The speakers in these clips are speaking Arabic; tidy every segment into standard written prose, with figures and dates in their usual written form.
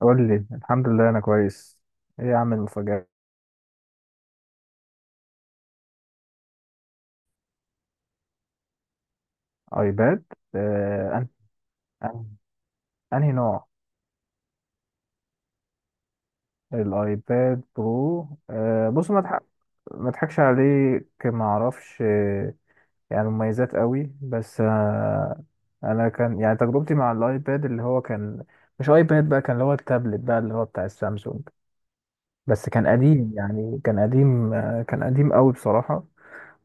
قول لي الحمد لله انا كويس. ايه يا عم المفاجأة؟ ايباد. آه أن... أن... انهي نوع؟ الايباد برو. بص، ما اضحكش عليك، ما اعرفش. يعني مميزات قوي، بس انا كان يعني تجربتي مع الايباد اللي هو كان، مش ايباد بقى، كان اللي هو التابلت بقى اللي هو بتاع السامسونج، بس كان قديم، يعني كان قديم، كان قديم قوي بصراحة.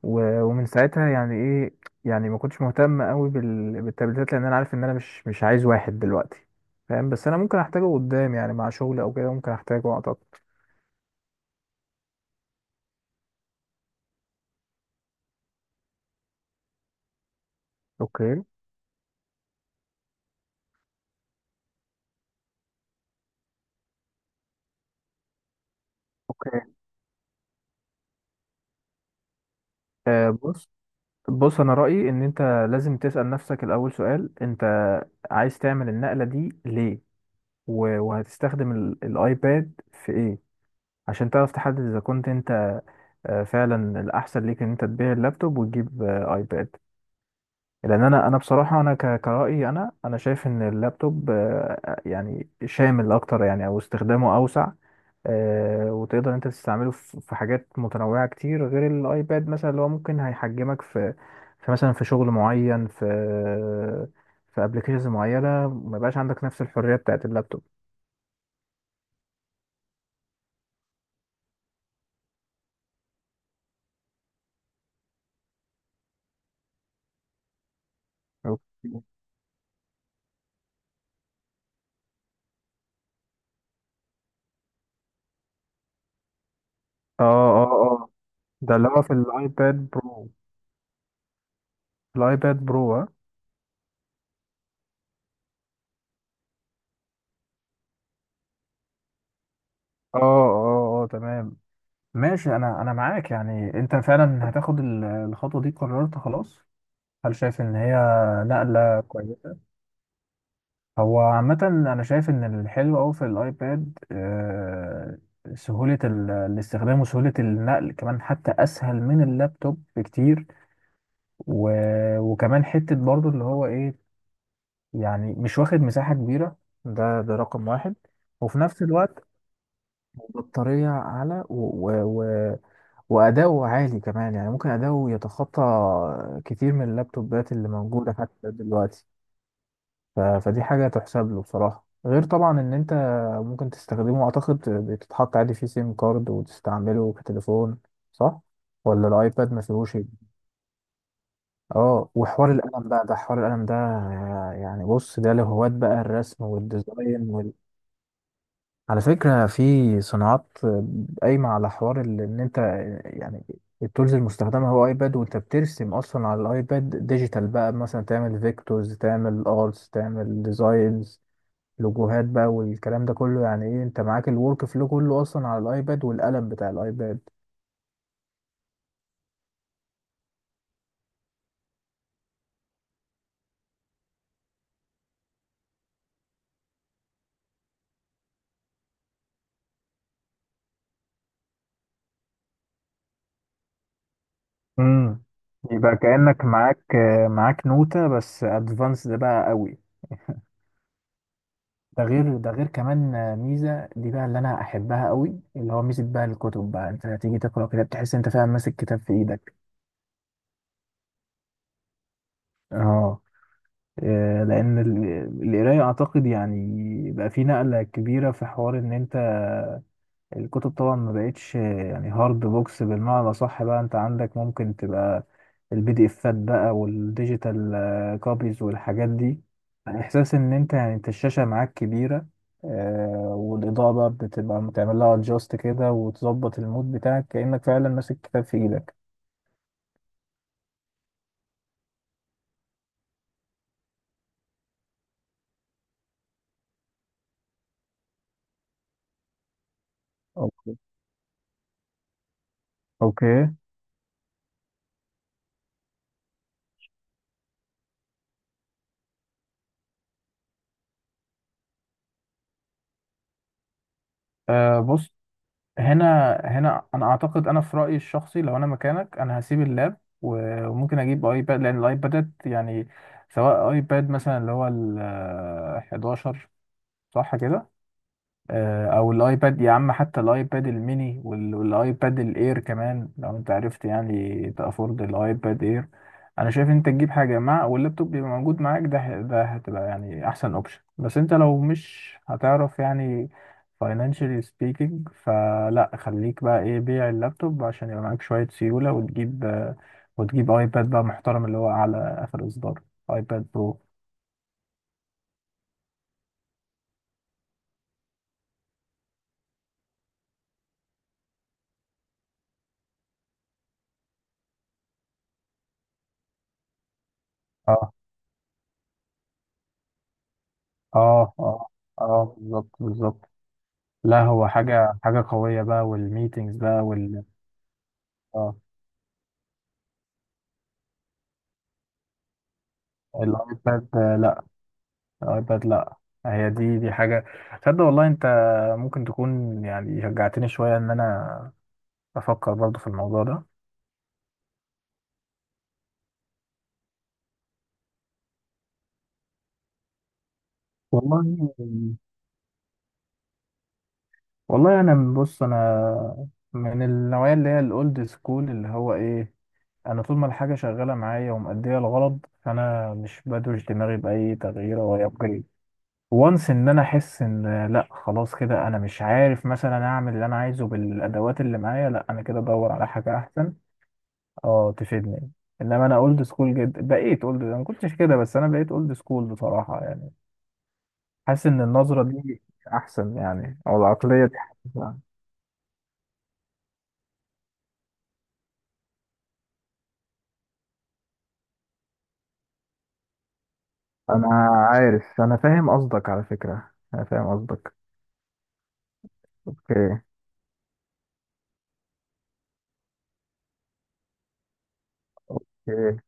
ومن ساعتها يعني ايه، يعني ما كنتش مهتم قوي بالتبديلات، لان انا عارف ان انا مش عايز واحد دلوقتي، فاهم؟ بس انا ممكن احتاجه قدام، يعني مع شغل او كده ممكن احتاجه اعتقد. اوكي، اوكي. بص، بص انا رايي ان انت لازم تسال نفسك الاول سؤال: انت عايز تعمل النقله دي ليه، وهتستخدم الايباد في ايه، عشان تعرف تحدد اذا كنت انت فعلا الاحسن ليك ان انت تبيع اللابتوب وتجيب ايباد. لان انا بصراحه كرأيي انا شايف ان اللابتوب يعني شامل اكتر، يعني او استخدامه اوسع. وتقدر انت تستعمله في في حاجات متنوعه كتير غير الايباد، مثلا اللي هو ممكن هيحجمك في في مثلا في شغل معين، في في ابلكيشنز معينه ما يبقاش عندك نفس الحريه بتاعت اللابتوب. أوكي. اه اه اه. ده اللي هو في الايباد برو. الايباد برو، ها؟ اه اه اه، تمام. ماشي، انا معاك. يعني انت فعلا هتاخد الخطوه دي، قررت خلاص؟ هل شايف ان هي نقله كويسه؟ هو عامه انا شايف ان الحلو قوي في الايباد سهوله الاستخدام وسهوله النقل، كمان حتى اسهل من اللابتوب بكتير. وكمان حته برضو اللي هو ايه، يعني مش واخد مساحه كبيره، ده ده رقم واحد. وفي نفس الوقت بطاريه اعلى، وأداؤه عالي كمان. يعني ممكن أداؤه يتخطى كتير من اللابتوبات اللي موجودة حتى دلوقتي. فدي حاجة تحسب له بصراحة. غير طبعا إن أنت ممكن تستخدمه، أعتقد بتتحط عادي فيه سيم كارد وتستعمله كتليفون، صح؟ ولا الأيباد ما فيهوش إيه؟ اه، وحوار القلم بقى، ده حوار القلم ده يعني. بص، ده لهواة بقى الرسم والديزاين. على فكرة في صناعات قايمة على حوار إن أنت يعني التولز المستخدمة هو أيباد، وأنت بترسم أصلا على الأيباد ديجيتال بقى، مثلا تعمل فيكتورز، تعمل أرتس، تعمل ديزاينز، لوجوهات بقى والكلام ده كله، يعني إيه، أنت معاك الورك فلو كله أصلا على الأيباد والقلم بتاع الأيباد. امم، يبقى كأنك معاك معاك نوتة بس ادفانسد بقى قوي. ده غير، ده غير كمان ميزه دي بقى اللي انا احبها قوي، اللي هو ميزه بقى الكتب بقى، انت تيجي تقرا كده بتحس انت فعلا ماسك كتاب في ايدك. اه، لان القرايه اعتقد يعني بقى في نقله كبيره، في حوار ان انت الكتب طبعا ما بقتش يعني هارد بوكس بالمعنى الأصح بقى، انت عندك ممكن تبقى البي دي افات بقى والديجيتال كوبيز والحاجات دي. احساس ان انت، يعني انت الشاشة معاك كبيرة، آه، والاضاءة بقى بتبقى بتعمل لها ادجاست كده وتظبط المود بتاعك كأنك فعلا ماسك كتاب في ايدك. اوكي، اوكي. بص، هنا هنا انا اعتقد، انا في رايي الشخصي لو انا مكانك انا هسيب اللاب، وممكن اجيب ايباد. لان الايبادات يعني سواء ايباد مثلا اللي هو ال 11، صح كده؟ او الايباد يا عم، حتى الايباد الميني والايباد الاير كمان، لو انت عرفت يعني تافورد الايباد اير، انا شايف انت تجيب حاجه مع واللابتوب يبقى موجود معاك، ده ده هتبقى يعني احسن اوبشن. بس انت لو مش هتعرف يعني financially speaking، فلا، خليك بقى ايه، بيع اللابتوب عشان يبقى معاك شويه سيوله، وتجيب ايباد بقى محترم اللي هو على اخر اصدار، ايباد برو. اه اه اه، اه بالظبط بالظبط. لا هو حاجة، حاجة قوية بقى، والميتينجز بقى وال اه. الايباد لا، الايباد لا. هي دي دي حاجة. تصدق والله انت ممكن تكون يعني شجعتني شوية ان انا افكر برضو في الموضوع ده. والله، والله انا، بص انا من النوعية اللي هي الاولد سكول، اللي هو ايه، انا طول ما الحاجة شغالة معايا ومأدية الغرض فانا مش بدوش دماغي بأي تغيير او upgrade. وانس ان انا احس ان لا خلاص كده، انا مش عارف مثلا اعمل اللي انا عايزه بالادوات اللي معايا، لا انا كده ادور على حاجه احسن، اه تفيدني. انما انا اولد سكول جدا، بقيت اولد، انا ما كنتش كده بس انا بقيت اولد سكول بصراحه. يعني حاسس ان النظره دي احسن، يعني او العقليه دي أحسن. انا عارف، انا فاهم قصدك، على فكره انا فاهم قصدك. اوكي، اوكي.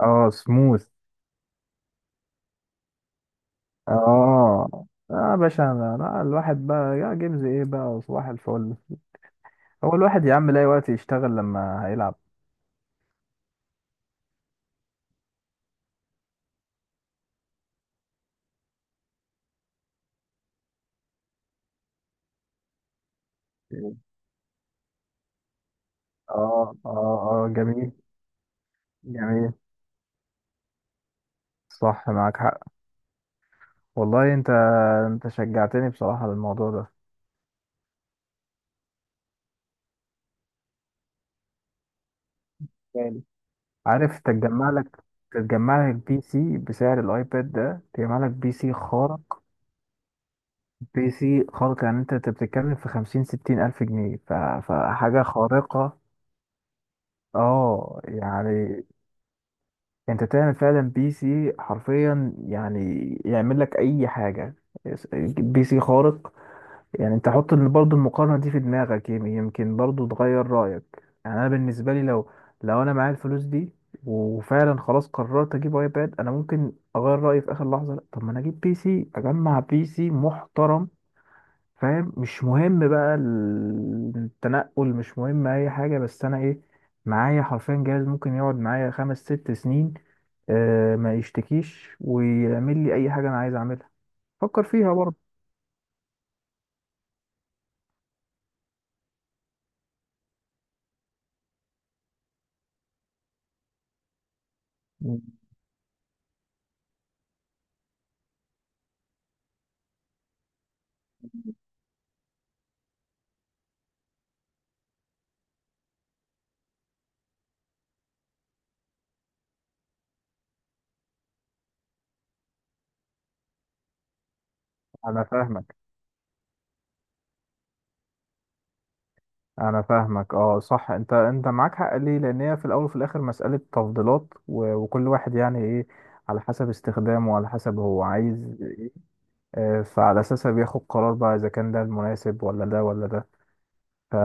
اه سموث. اه اه يا باشا، انا لا، الواحد بقى يا جيمز ايه بقى، صباح الفل. هو الواحد يا عم لاقي وقت يشتغل لما هيلعب. مم. اه اه اه، جميل. جميل، صح، معاك حق. والله انت، انت شجعتني بصراحة للموضوع ده. يعني عارف، تتجمع لك، تتجمع لك بي سي بسعر الايباد ده، تجمع لك بي سي خارق. بي سي خارق، يعني انت بتتكلم في خمسين ستين الف جنيه، فحاجة خارقة. اه يعني، انت تعمل فعلا بي سي حرفيا يعني يعمل لك اي حاجة، بي سي خارق. يعني انت حط برضو المقارنة دي في دماغك، يمكن برضو تغير رأيك. يعني انا بالنسبة لي لو، لو انا معايا الفلوس دي وفعلا خلاص قررت اجيب ايباد، انا ممكن اغير رأيي في اخر لحظة، لا طب ما انا اجيب بي سي، اجمع بي سي محترم، فاهم؟ مش مهم بقى التنقل، مش مهم اي حاجة، بس انا ايه، معايا حرفيا جهاز ممكن يقعد معايا خمس ست سنين آه، ما يشتكيش ويعمل لي اي حاجة انا عايز اعملها. فكر فيها برضه. انا فاهمك انا فاهمك، اه صح، انت معاك حق. ليه؟ لان هي في الاول وفي الاخر مسألة تفضيلات، وكل واحد يعني ايه، على حسب استخدامه وعلى حسب هو عايز ايه. فعلى اساسها بياخد قرار بقى اذا كان ده المناسب ولا ده ولا ده. ف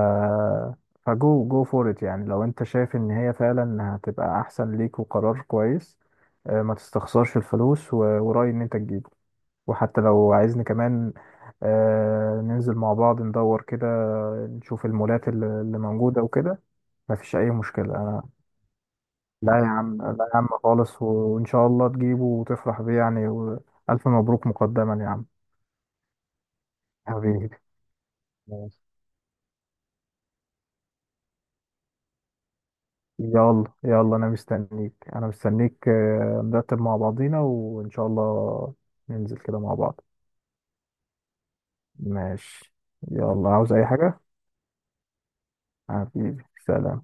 فجو جو فور ات، يعني لو انت شايف ان هي فعلا هتبقى احسن ليك وقرار كويس، ما تستخسرش الفلوس، ورأيي ان انت تجيبه. وحتى لو عايزني كمان ننزل مع بعض ندور كده، نشوف المولات اللي موجودة وكده، ما فيش اي مشكله. لا يا عم، لا يا عم خالص. وان شاء الله تجيبه وتفرح بيه، يعني والف مبروك مقدما يا عم. حبيبي. ماشي. يلا يلا، انا مستنيك نرتب مع بعضينا وان شاء الله ننزل كده مع بعض. ماشي. يلا، عاوز اي حاجه؟ حبيبي، سلام.